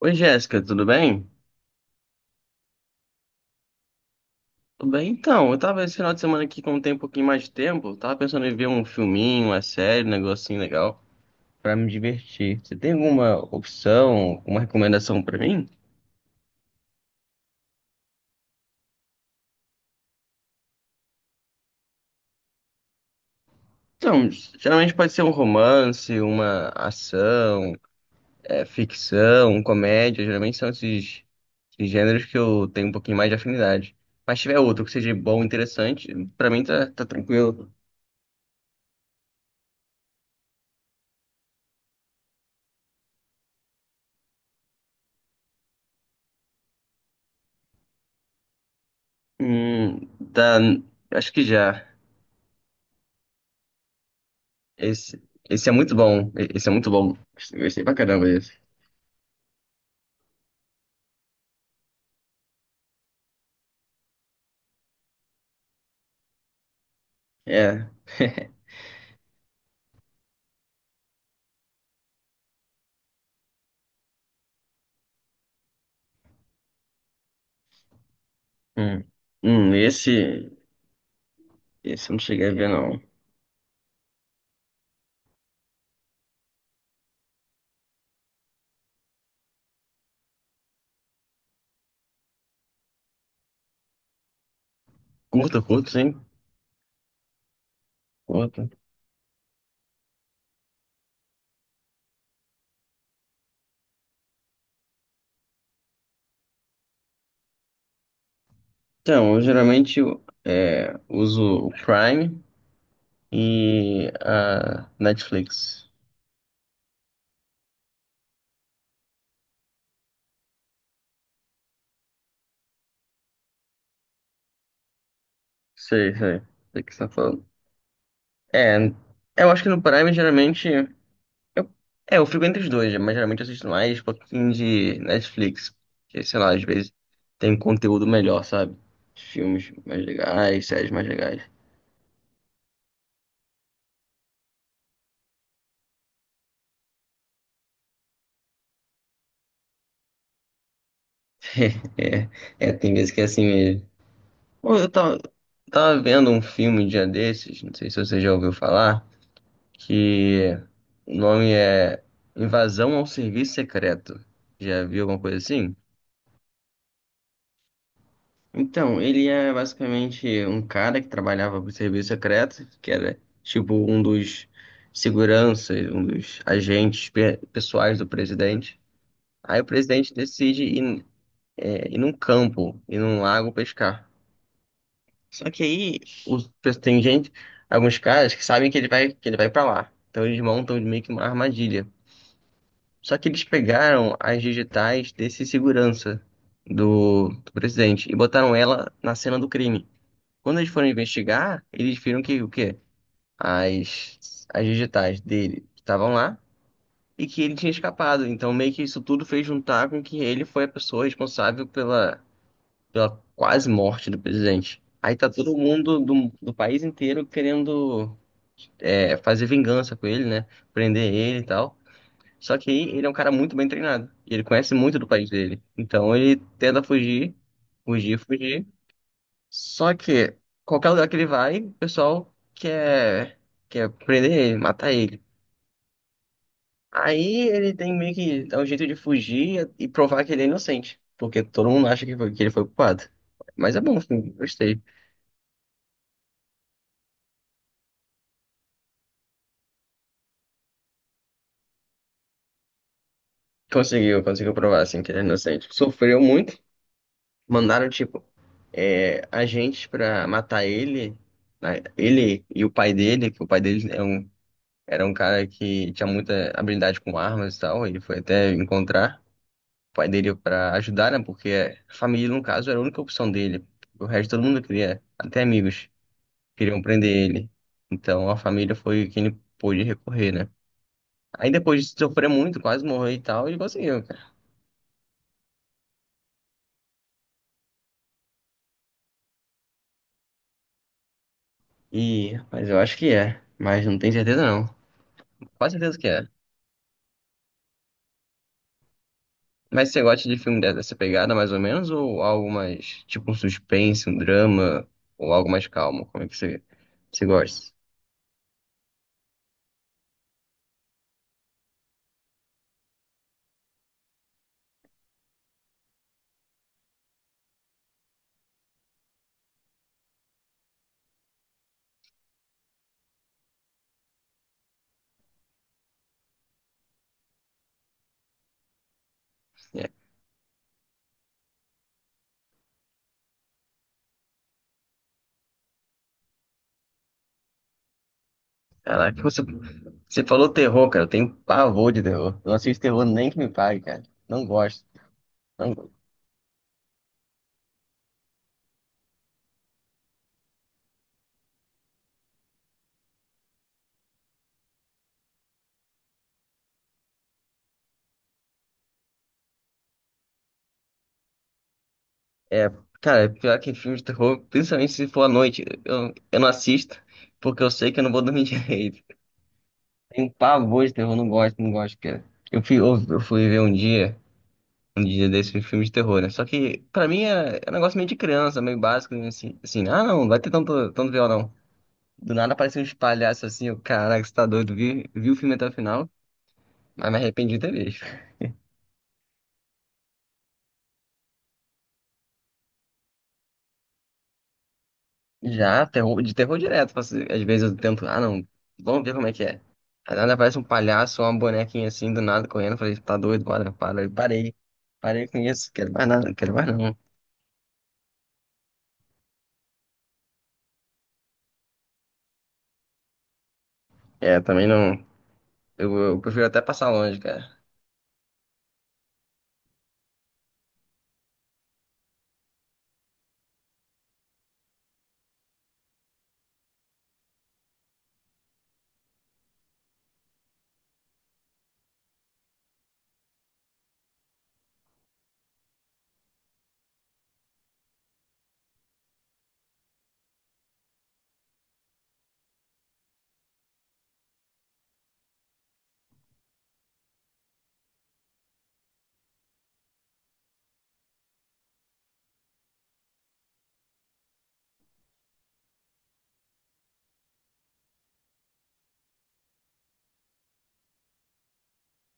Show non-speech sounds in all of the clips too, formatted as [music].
Oi, Jéssica, tudo bem? Tudo bem, então. Eu tava esse final de semana aqui com um tempo, um pouquinho mais de tempo. Tava pensando em ver um filminho, uma série, um negocinho legal pra me divertir. Você tem alguma opção, uma recomendação pra mim? Então, geralmente pode ser um romance, uma ação, ficção, um comédia. Geralmente são esses gêneros que eu tenho um pouquinho mais de afinidade. Mas se tiver outro que seja bom, interessante, pra mim tá tranquilo. Hum, tá, acho que já. Esse, esse é muito bom. Esse é muito bom. Eu gostei pra caramba desse. É. Hum. Esse. Esse eu não cheguei a ver, não. Curto, curto, sim. Curto. Então, eu geralmente uso o Prime e a Netflix. Sei, sei. Sei o que você tá falando. É, eu acho que no Prime geralmente. Eu, eu fico entre os dois, mas geralmente eu assisto mais um pouquinho de Netflix. Que, sei lá, às vezes tem conteúdo melhor, sabe? Filmes mais legais, séries mais legais. [laughs] É, tem vezes que é assim mesmo. Pô, tava vendo um filme um dia desses, não sei se você já ouviu falar, que o nome é Invasão ao Serviço Secreto. Já viu alguma coisa assim? Então, ele é basicamente um cara que trabalhava pro serviço secreto, que era tipo um dos seguranças, um dos agentes pessoais do presidente. Aí o presidente decide ir num campo, ir num lago pescar. Só que aí os, tem gente, alguns caras que sabem que ele vai para lá. Então eles montam meio que uma armadilha. Só que eles pegaram as digitais desse segurança do presidente e botaram ela na cena do crime. Quando eles foram investigar, eles viram que o quê? As digitais dele estavam lá e que ele tinha escapado. Então, meio que isso tudo fez juntar com que ele foi a pessoa responsável pela quase morte do presidente. Aí tá todo mundo do país inteiro querendo fazer vingança com ele, né? Prender ele e tal. Só que aí ele é um cara muito bem treinado. E ele conhece muito do país dele. Então ele tenta fugir. Só que qualquer lugar que ele vai, quer prender ele, matar ele. Aí ele tem meio que dar um jeito de fugir e provar que ele é inocente, porque todo mundo acha que ele foi culpado. Mas é bom, assim, gostei. Conseguiu, conseguiu provar assim que ele é inocente. Sofreu muito, mandaram agentes pra matar ele, né? Ele e o pai dele, que o pai dele é um, era um cara que tinha muita habilidade com armas e tal, ele foi até encontrar. Pai dele para ajudar, né? Porque a família, no caso, era a única opção dele. O resto todo mundo queria, até amigos, queriam prender ele. Então a família foi quem ele pôde recorrer, né? Aí depois de sofrer muito, quase morrer e tal, ele conseguiu, cara. E, mas eu acho que é. Mas não tenho certeza não. Quase certeza que é. Mas você gosta de filme dessa pegada, mais ou menos, ou algo mais, tipo um suspense, um drama, ou algo mais calmo? Como é que você gosta? Caraca, você falou terror, cara. Eu tenho pavor de terror. Eu não assisto terror nem que me pague, cara. Não gosto. Não... go- É, cara, é pior que filme de terror, principalmente se for à noite. Eu não assisto, porque eu sei que eu não vou dormir [laughs] direito. Tenho pavor de terror, não gosto, não gosto, cara. Eu fui ver um dia desse um filme de terror, né? Só que, pra mim, é um negócio meio de criança, meio básico, né? Assim, assim, ah, não vai ter tanto viol, não. Do nada apareceu uns palhaços assim, eu, caraca, você tá doido, vi o filme até o final, mas me arrependi de ter visto. Já, de terror direto. Às vezes eu tento, ah, não, vamos ver como é que é. Aí nada, aparece um palhaço, ou uma bonequinha assim, do nada, correndo. Eu falei, tá doido, para, para. Eu parei. Parei com isso, quero mais nada, quero mais não. É, também não. Eu prefiro até passar longe, cara.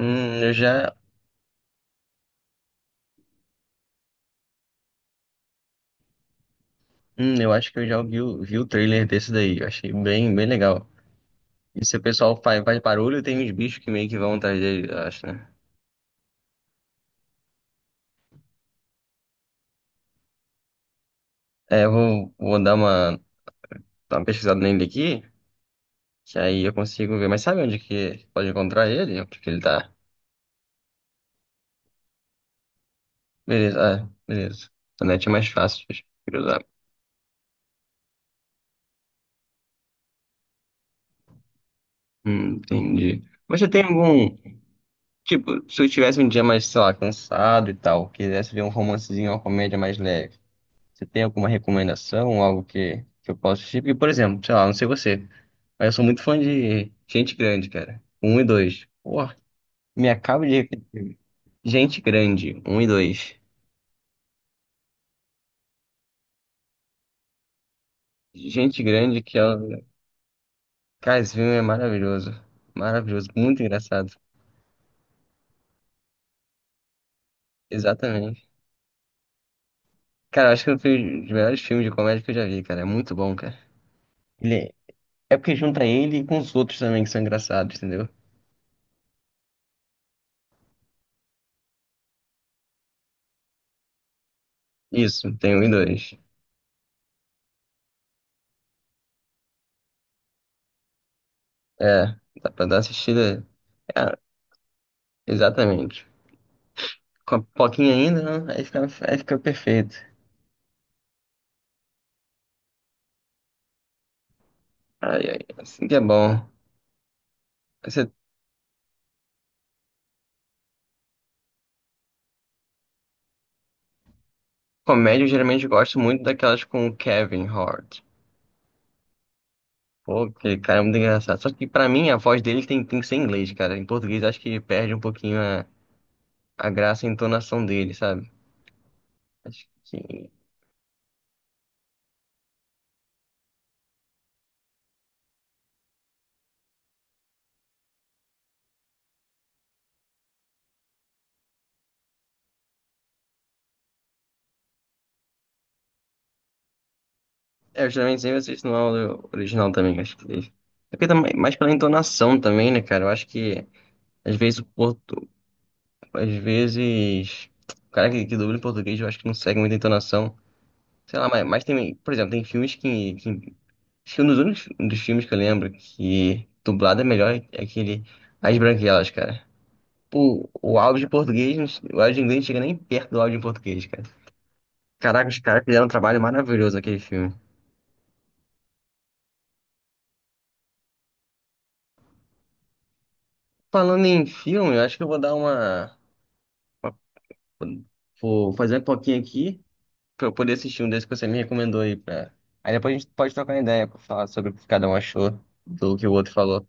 Eu já. Eu acho que eu já vi, vi o trailer desse daí. Eu achei bem legal. E se o pessoal faz barulho, tem uns bichos que meio que vão atrás dele, eu acho, né? É, eu vou, vou dar uma pesquisada nele aqui. Que aí eu consigo ver. Mas sabe onde que pode encontrar ele? Onde que ele tá? Beleza, ah, beleza. A net é mais fácil de cruzar. Entendi. Mas você tem algum. Tipo, se eu tivesse um dia mais, sei lá, cansado e tal, quisesse ver um romancezinho, uma comédia mais leve, você tem alguma recomendação, algo que eu possa assistir? Porque, por exemplo, sei lá, não sei você, mas eu sou muito fã de Gente Grande, cara. Um e dois. Pô, me acabo de. Gente Grande, um e dois. Gente Grande, que é. Cara, esse filme é maravilhoso. Maravilhoso, muito engraçado. Exatamente. Cara, eu acho que foi um dos melhores filmes de comédia que eu já vi, cara. É muito bom, cara. Ele é... É porque junta ele com os outros também que são engraçados, entendeu? Isso, tem um e dois. É, dá pra dar assistida. É, exatamente. Com a pipoquinha ainda, né? Aí fica perfeito. Ai, ai, assim que é bom. Essa comédia eu geralmente gosto muito daquelas com o Kevin Hart. Pô, que cara, é muito engraçado. Só que pra mim a voz dele tem que ser em inglês, cara. Em português acho que perde um pouquinho a graça e a entonação dele, sabe? Acho que. É, eu geralmente sempre assisto no áudio original também, acho que. É porque também, mais pela entonação também, né, cara? Eu acho que às vezes o portu... às vezes o cara que dubla em português eu acho que não segue muita entonação. Sei lá, mas tem, por exemplo, tem filmes que... Acho que um dos únicos um dos filmes que eu lembro que dublado é melhor é aquele As Branquelas, cara. Pô, o áudio em inglês não chega nem perto do áudio em português, cara. Caraca, os caras fizeram um trabalho maravilhoso naquele filme. Falando em filme, eu acho que eu vou uma- Vou fazer um pouquinho aqui pra eu poder assistir um desses que você me recomendou aí. Pra... Aí depois a gente pode trocar uma ideia pra falar sobre o que cada um achou do que o outro falou.